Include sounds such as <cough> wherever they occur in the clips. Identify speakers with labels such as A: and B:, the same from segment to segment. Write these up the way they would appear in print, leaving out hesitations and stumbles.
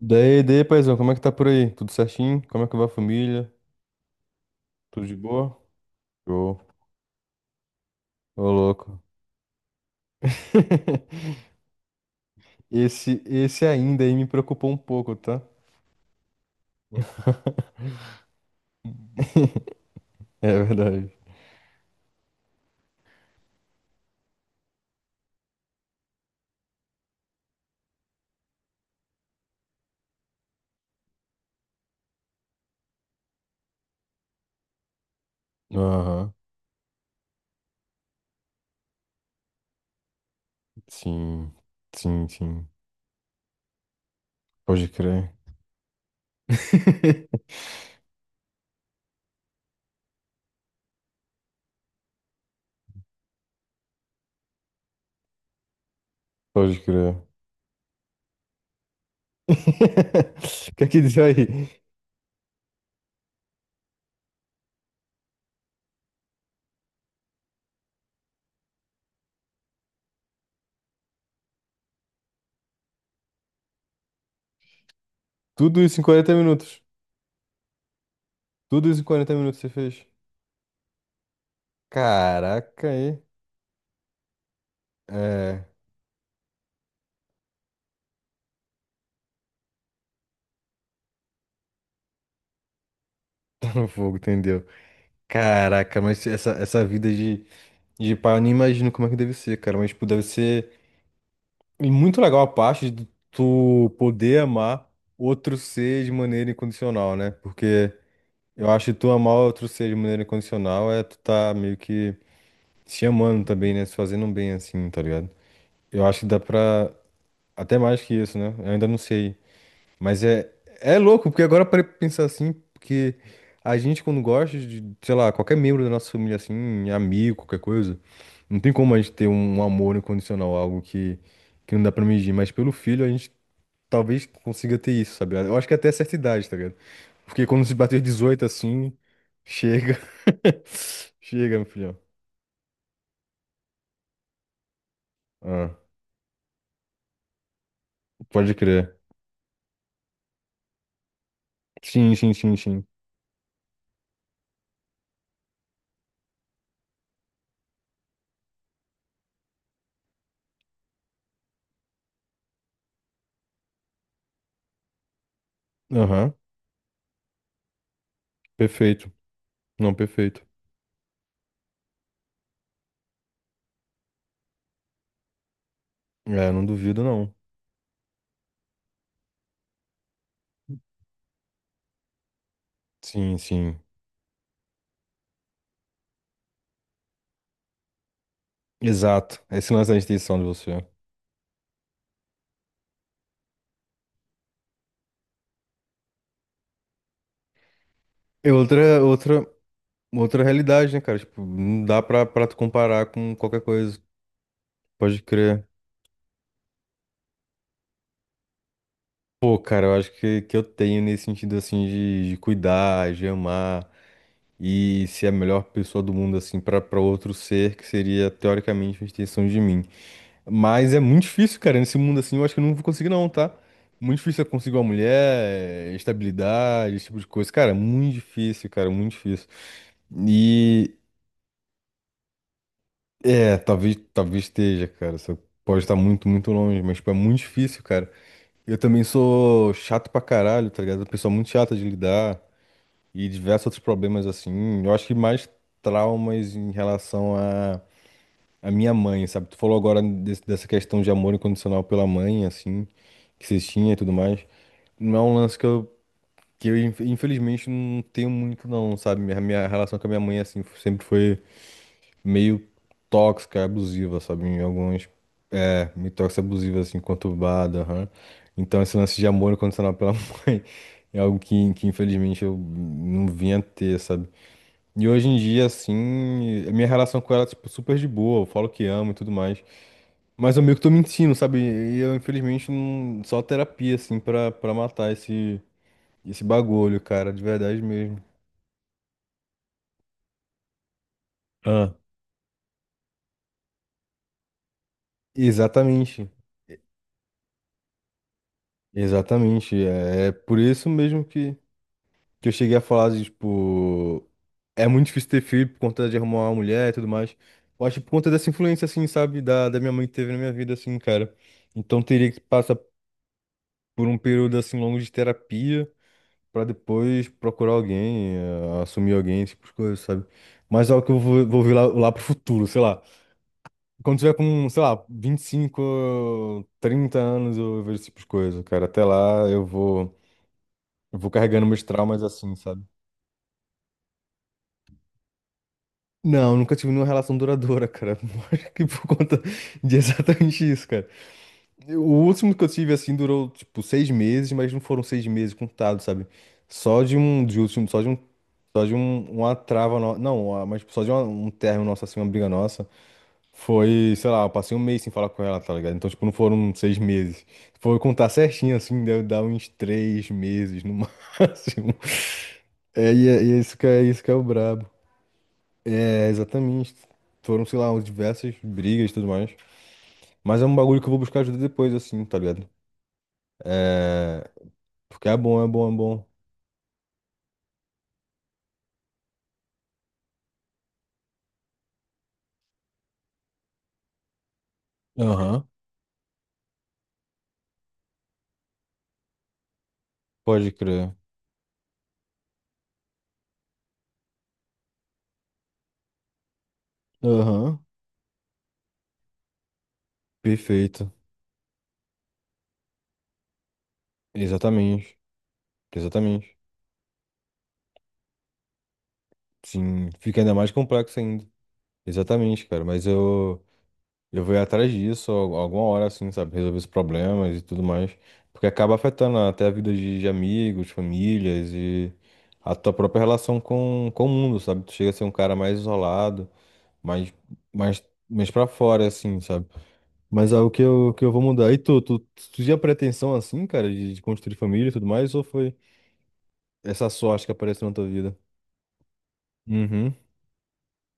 A: Daí, paizão, como é que tá por aí? Tudo certinho? Como é que vai a família? Tudo de boa? Show. Ô, louco. <laughs> Esse ainda aí me preocupou um pouco, tá? É verdade. Aham. Sim, sim, sim. Pode crer. <laughs> Pode crer. <laughs> O que é que diz aí? Tudo isso em 40 minutos. Tudo isso em 40 minutos você fez. Caraca, aí. É, <laughs> tá no fogo, entendeu? Caraca, mas essa vida de. E pá, eu nem imagino como é que deve ser, cara. Mas, tipo, deve ser muito legal a parte de tu poder amar outro ser de maneira incondicional, né? Porque eu acho que tu amar outro ser de maneira incondicional é tu tá meio que se amando também, né? Se fazendo um bem assim, tá ligado? Eu acho que dá pra. Até mais que isso, né? Eu ainda não sei, mas é louco, porque agora eu parei pra pensar assim, porque a gente quando gosta de, sei lá, qualquer membro da nossa família assim, amigo, qualquer coisa, não tem como a gente ter um amor incondicional, algo que não dá pra medir. Mas pelo filho a gente talvez consiga ter isso, sabe? Eu acho que até certa idade, tá ligado? Porque quando se bater 18 assim, chega. <laughs> Chega, meu filhão. Ah, pode crer. Sim, sim, sim, sim. Aham, perfeito. Não, perfeito. É, não duvido, não. Sim, sim. Exato. Esse lance da instituição de você. É outra realidade, né, cara? Tipo, não dá pra tu comparar com qualquer coisa. Pode crer. Pô, cara, eu acho que eu tenho nesse sentido, assim, de cuidar, de amar e ser a melhor pessoa do mundo, assim, pra outro ser que seria, teoricamente, uma extensão de mim. Mas é muito difícil, cara, nesse mundo, assim, eu acho que eu não vou conseguir, não, tá? Muito difícil eu conseguir uma mulher, estabilidade, esse tipo de coisa. Cara, muito difícil, cara, muito difícil. E É, talvez esteja, cara. Você pode estar muito, muito longe, mas, tipo, é muito difícil, cara. Eu também sou chato pra caralho, tá ligado? Uma pessoa muito chata de lidar e diversos outros problemas, assim. Eu acho que mais traumas em relação à minha mãe, sabe? Tu falou agora dessa questão de amor incondicional pela mãe, assim, que vocês tinham e tudo mais. Não é um lance que eu infelizmente, não tenho muito, não, sabe? Minha relação com a minha mãe, assim, sempre foi meio tóxica, abusiva, sabe? Em alguns É, Mitox abusiva, assim, conturbada, aham. Então, esse lance de amor incondicional pela <laughs> mãe é algo que, infelizmente, eu não vinha a ter, sabe? E hoje em dia, assim, a minha relação com ela é, tipo, super de boa. Eu falo que amo e tudo mais. Mas eu meio que tô mentindo, sabe? E eu, infelizmente, não, só terapia, assim, pra matar esse bagulho, cara, de verdade mesmo. Ah, exatamente, exatamente. É por isso mesmo que eu cheguei a falar, de, tipo, é muito difícil ter filho por conta de arrumar uma mulher e tudo mais. Eu acho que por conta dessa influência, assim, sabe, da minha mãe que teve na minha vida, assim, cara. Então teria que passar por um período, assim, longo de terapia pra depois procurar alguém, assumir alguém, esse tipo de coisa, sabe? Mas é algo que eu vou ver lá pro futuro, sei lá. Quando tiver com, sei lá, 25, 30 anos, eu vejo esse tipo de coisa, cara. Até lá eu vou carregando meus traumas assim, sabe? Não, nunca tive nenhuma relação duradoura, cara. <laughs> Acho que por conta de exatamente isso, cara. O último que eu tive, assim, durou, tipo, 6 meses, mas não foram 6 meses contados, sabe? Só de um, de último, só de um, uma trava, não, mas tipo, um término nosso, assim, uma briga nossa. Foi, sei lá, eu passei um mês sem falar com ela, tá ligado? Então, tipo, não foram 6 meses. Foi contar certinho, assim, deve dar uns 3 meses no <laughs> máximo. É. E é isso que é, o brabo. É, exatamente. Foram, sei lá, diversas brigas e tudo mais. Mas é um bagulho que eu vou buscar ajuda depois, assim, tá ligado? É, porque é bom, é bom, é bom. Aham, pode crer. Aham. Perfeito. Exatamente. Exatamente. Sim, fica ainda mais complexo ainda. Exatamente, cara. Mas eu vou ir atrás disso alguma hora, assim, sabe? Resolver os problemas e tudo mais. Porque acaba afetando até a vida de amigos, famílias e a tua própria relação com o mundo, sabe? Tu chega a ser um cara mais isolado, mais, mais, mais pra fora, assim, sabe? Mas é o que eu vou mudar. E tu tinha pretensão assim, cara, de construir família e tudo mais, ou foi essa sorte que apareceu na tua vida? Uhum,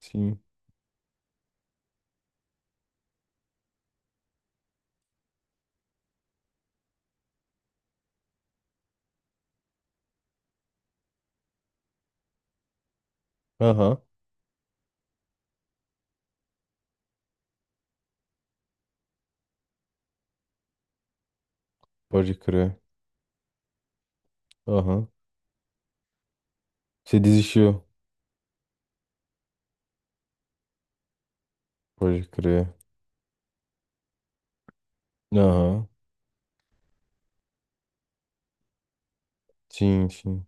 A: sim. Aham, pode crer. Aham. Você desistiu? Pode crer. Aham, sim, sim.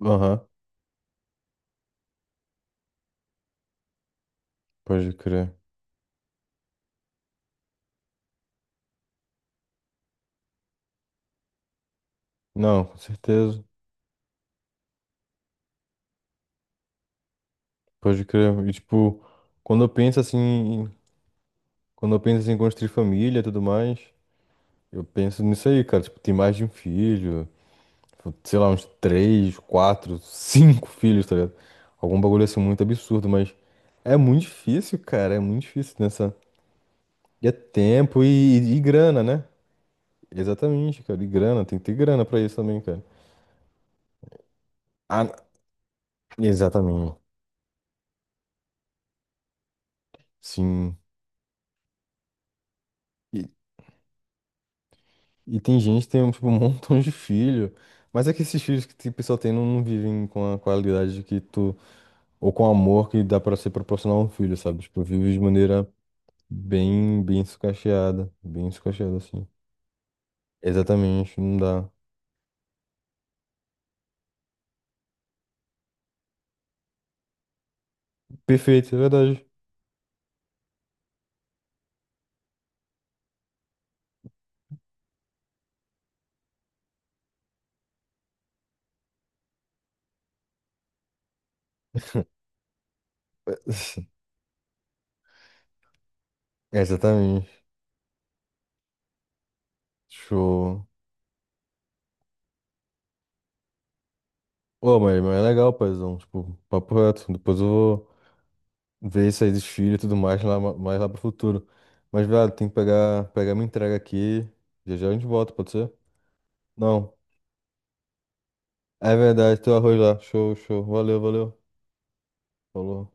A: Aham, pode crer. Não, com certeza. Pode crer. E, tipo, quando eu penso assim, em- quando eu penso assim, em construir família e tudo mais, eu penso nisso aí, cara. Tipo, ter mais de um filho, sei lá, uns três, quatro, cinco <laughs> filhos, tá ligado? Algum bagulho assim muito absurdo, mas é muito difícil, cara, é muito difícil nessa. E é tempo e grana, né? Exatamente, cara, e grana, tem que ter grana pra isso também, cara. Ah, exatamente, sim. E, e tem gente que tem tipo, um <laughs> montão de filho, mas é que esses filhos que o pessoal tem não vivem com a qualidade que tu, ou com o amor que dá pra ser proporcionar a um filho, sabe? Tipo, vive de maneira bem, bem sucateada, assim. Exatamente, não dá. Perfeito, é verdade. <laughs> Exatamente. Show. Ô, mas é legal, paizão. Tipo, papo reto. Depois eu vou ver isso aí dos filhos e tudo mais lá pro futuro. Mas, velho, tem que pegar minha entrega aqui. Já já a gente volta, pode ser? Não. É verdade, teu arroz lá. Show, show. Valeu, valeu. Falou.